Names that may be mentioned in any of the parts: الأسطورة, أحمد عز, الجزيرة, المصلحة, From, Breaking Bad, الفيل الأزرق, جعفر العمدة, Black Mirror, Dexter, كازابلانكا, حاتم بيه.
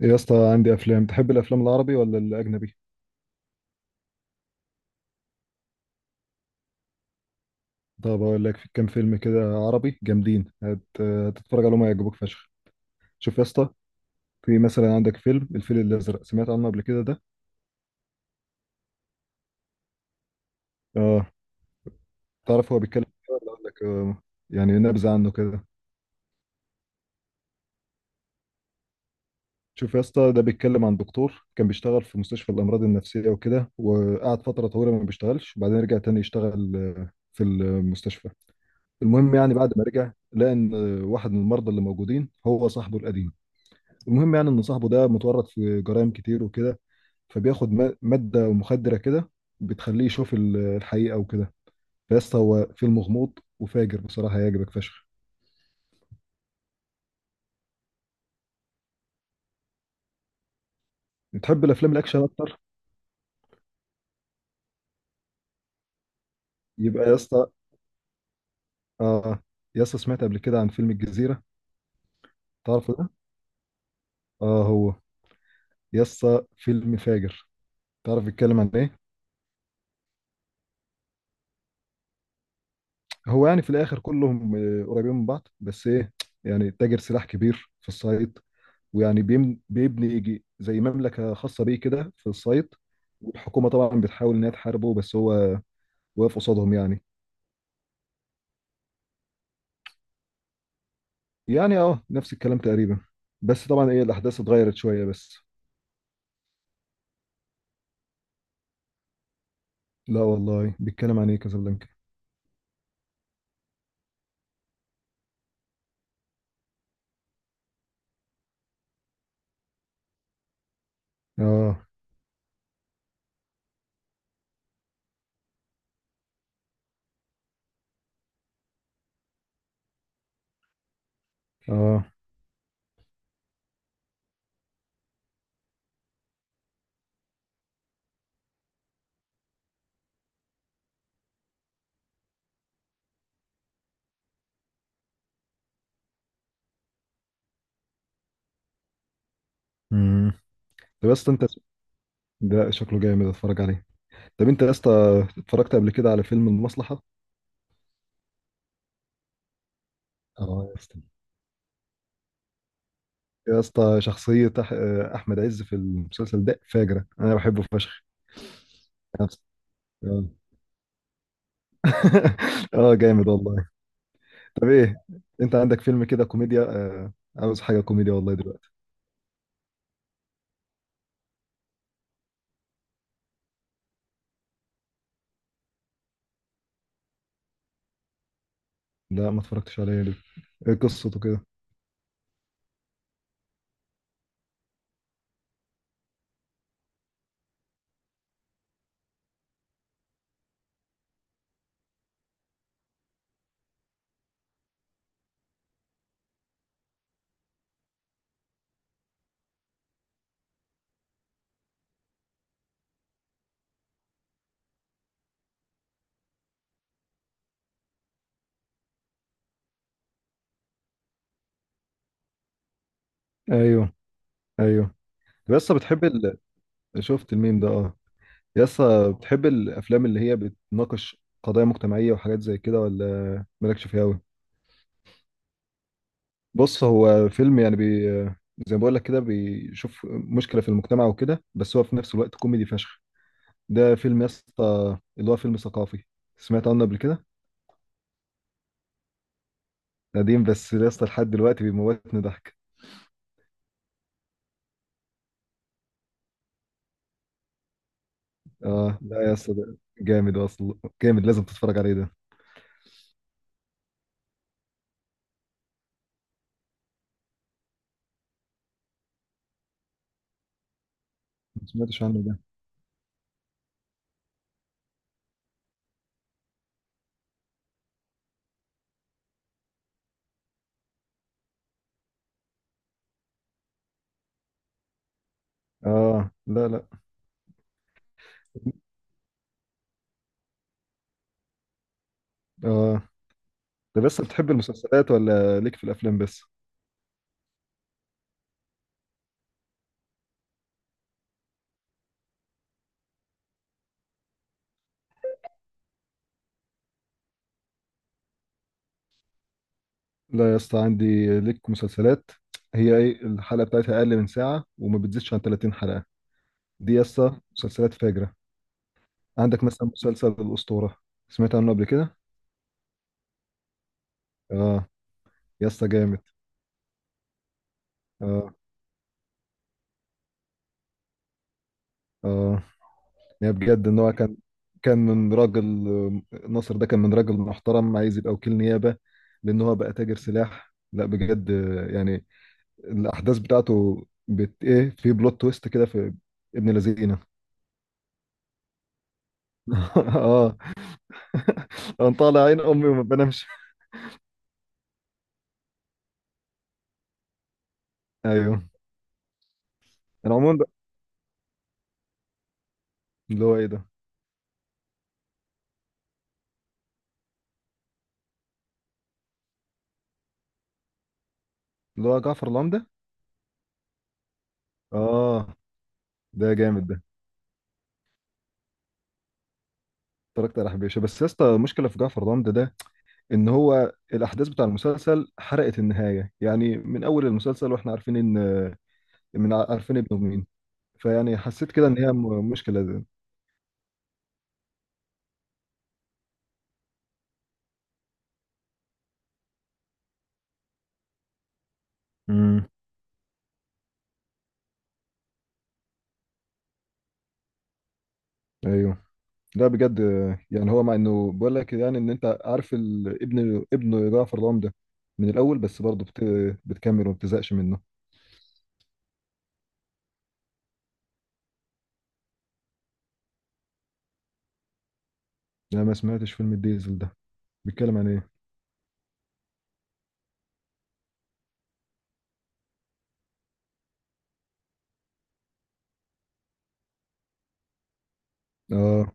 يا اسطى عندي افلام. تحب الافلام العربي ولا الاجنبي؟ طب اقول لك في كام فيلم كده عربي جامدين، هتتفرج عليهم هيعجبوك فشخ. شوف يا اسطى، في مثلا عندك فيلم الفيل الازرق، سمعت عنه قبل كده ده؟ اه. تعرف هو بيتكلم إيه ولا اقول لك يعني نبذه عنه كده؟ شوف يا اسطى، ده بيتكلم عن دكتور كان بيشتغل في مستشفى الامراض النفسيه وكده، وقعد فتره طويله ما بيشتغلش، وبعدين رجع تاني يشتغل في المستشفى. المهم يعني بعد ما رجع لقى ان واحد من المرضى اللي موجودين هو صاحبه القديم. المهم يعني ان صاحبه ده متورط في جرائم كتير وكده، فبياخد ماده مخدره كده بتخليه يشوف الحقيقه وكده. فيسطا هو فيلم غموض وفاجر بصراحه، هيعجبك فشخ. بتحب الافلام الاكشن اكتر؟ يبقى يا اسطى، اه، يا اسطى سمعت قبل كده عن فيلم الجزيره؟ تعرفه ده؟ اه هو. يا اسطى فيلم فاجر. تعرف بيتكلم عن ايه؟ هو يعني في الاخر كلهم قريبين من بعض، بس ايه، يعني تاجر سلاح كبير في الصعيد، ويعني بيبني يجي زي مملكة خاصة بيه كده في الصيد. والحكومة طبعا بتحاول إن هي تحاربه، بس هو واقف قصادهم يعني. يعني نفس الكلام تقريبا، بس طبعا ايه الأحداث اتغيرت شوية بس. لا والله، بيتكلم عن ايه كازابلانكا؟ اه. اه. امم. طب يا اسطى انت، ده شكله جامد، اتفرج عليه. طب انت يا اسطى، اتفرجت قبل كده على فيلم المصلحة؟ اه يا اسطى. يا اسطى شخصية أحمد عز في المسلسل ده فاجرة، أنا بحبه فشخ. اه، جامد والله. طب ايه، انت عندك فيلم كده كوميديا؟ عاوز حاجه كوميديا والله دلوقتي. لا، ما اتفرجتش عليه، ليه؟ ايه قصته كده؟ ايوه، ايوه. طب يسا، بتحب شفت الميم ده؟ اه. يسا بتحب الافلام اللي هي بتناقش قضايا مجتمعيه وحاجات زي كده، ولا مالكش فيها قوي؟ بص، هو فيلم يعني زي ما بقول لك كده، بيشوف مشكله في المجتمع وكده، بس هو في نفس الوقت كوميدي فشخ. ده فيلم يسا، اللي هو فيلم ثقافي، سمعت عنه قبل كده؟ قديم بس يا اسطى لحد دلوقتي بيموتني ضحك. اه لا يا اسطى، ده جامد اصلا، جامد، لازم تتفرج عليه ده. ما سمعتش عنه ده. اه، لا لا. اه. طب بس بتحب المسلسلات ولا ليك في الافلام بس؟ لا يا اسطى، عندي ليك مسلسلات، هي ايه الحلقه بتاعتها اقل من ساعه، وما بتزيدش عن 30 حلقه. دي يا اسطى مسلسلات فاجره. عندك مثلا مسلسل الاسطوره، سمعت عنه قبل كده؟ اه يا اسطى جامد. اه، اه. يعني بجد ان هو كان، من راجل، ناصر ده كان من راجل محترم عايز يبقى وكيل نيابة، لان هو بقى تاجر سلاح، لا بجد. يعني الاحداث بتاعته ايه، في بلوت تويست كده في ابن لذينه. اه. انا طالع عين امي وما بنامش. ايوه. العموم بقى، اللي هو ايه ده، اللي هو جعفر العمدة. اه. ده جامد ده. اتفرجت على حبيشه، بس يا اسطى المشكله في جعفر العمدة ده ان هو الاحداث بتاع المسلسل حرقت النهايه، يعني من اول المسلسل واحنا عارفين ان، عارفين ابنه مين. فيعني حسيت كده ان هي مشكله دي. امم. ايوه. لا بجد. يعني هو مع انه بقول لك يعني ان انت عارف ابن جعفر العمدة ده من الاول، بس برضه بتكمل وما بتزهقش منه. لا، ما سمعتش فيلم الديزل ده. بيتكلم عن ايه؟ اه،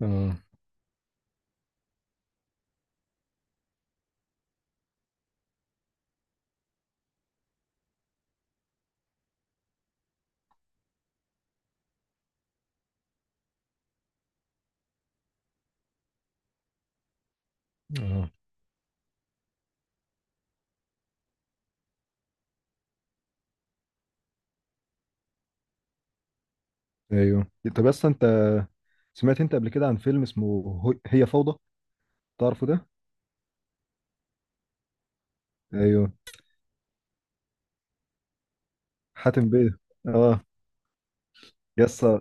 اه، اه. ايوه. طب بس انت، سمعت انت قبل كده عن فيلم اسمه هي فوضى؟ تعرفه ده؟ ايوه، حاتم بيه. اه. يا اسطى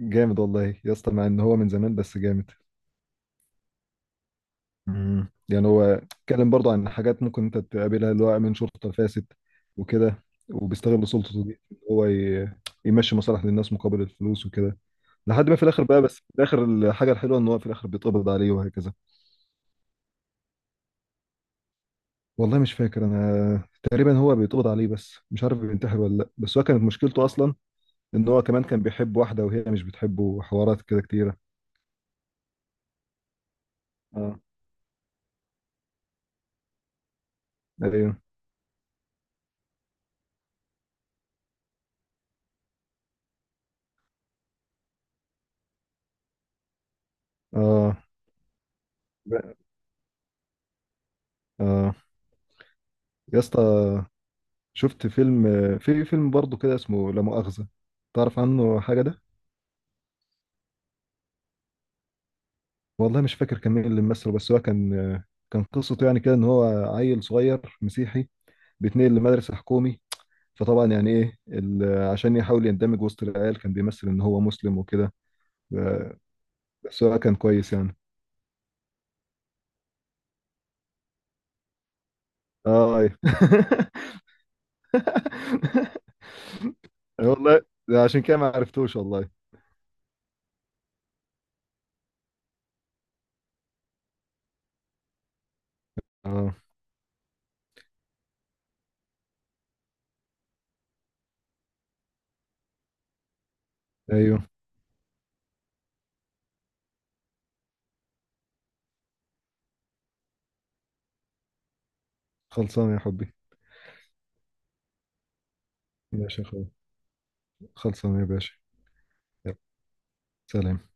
جامد والله، يا اسطى مع ان هو من زمان بس جامد. امم. يعني هو اتكلم برضه عن حاجات ممكن انت تقابلها، اللي هو امين شرطه فاسد وكده، وبيستغل سلطته دي إن هو يمشي مصالح للناس مقابل الفلوس وكده. لحد ما في الاخر بقى، بس في الاخر الحاجه الحلوه ان هو في الاخر بيتقبض عليه وهكذا. والله مش فاكر، انا تقريبا هو بيتقبض عليه، بس مش عارف بينتحر ولا لا، بس هو كانت مشكلته اصلا ان هو كمان كان بيحب واحده وهي مش بتحبه، وحوارات كده كتيره. اه. ايوه. اه، اه. يا اسطى شفت فيلم، في فيلم برضه كده اسمه لا مؤاخذة، تعرف عنه حاجة ده؟ والله مش فاكر كان مين اللي مثله، بس هو كان، قصته يعني كده ان هو عيل صغير مسيحي بيتنقل لمدرسة حكومي، فطبعا يعني ايه عشان يحاول يندمج وسط العيال كان بيمثل ان هو مسلم وكده. ب- بس هو كان كويس يعني. اه أيوه. والله ده عشان كده ما عرفتوش والله. اه. ايوه. خلصان يا حبي. ماشي يا اخويا، خلصان يا باشا. يلا. سلام.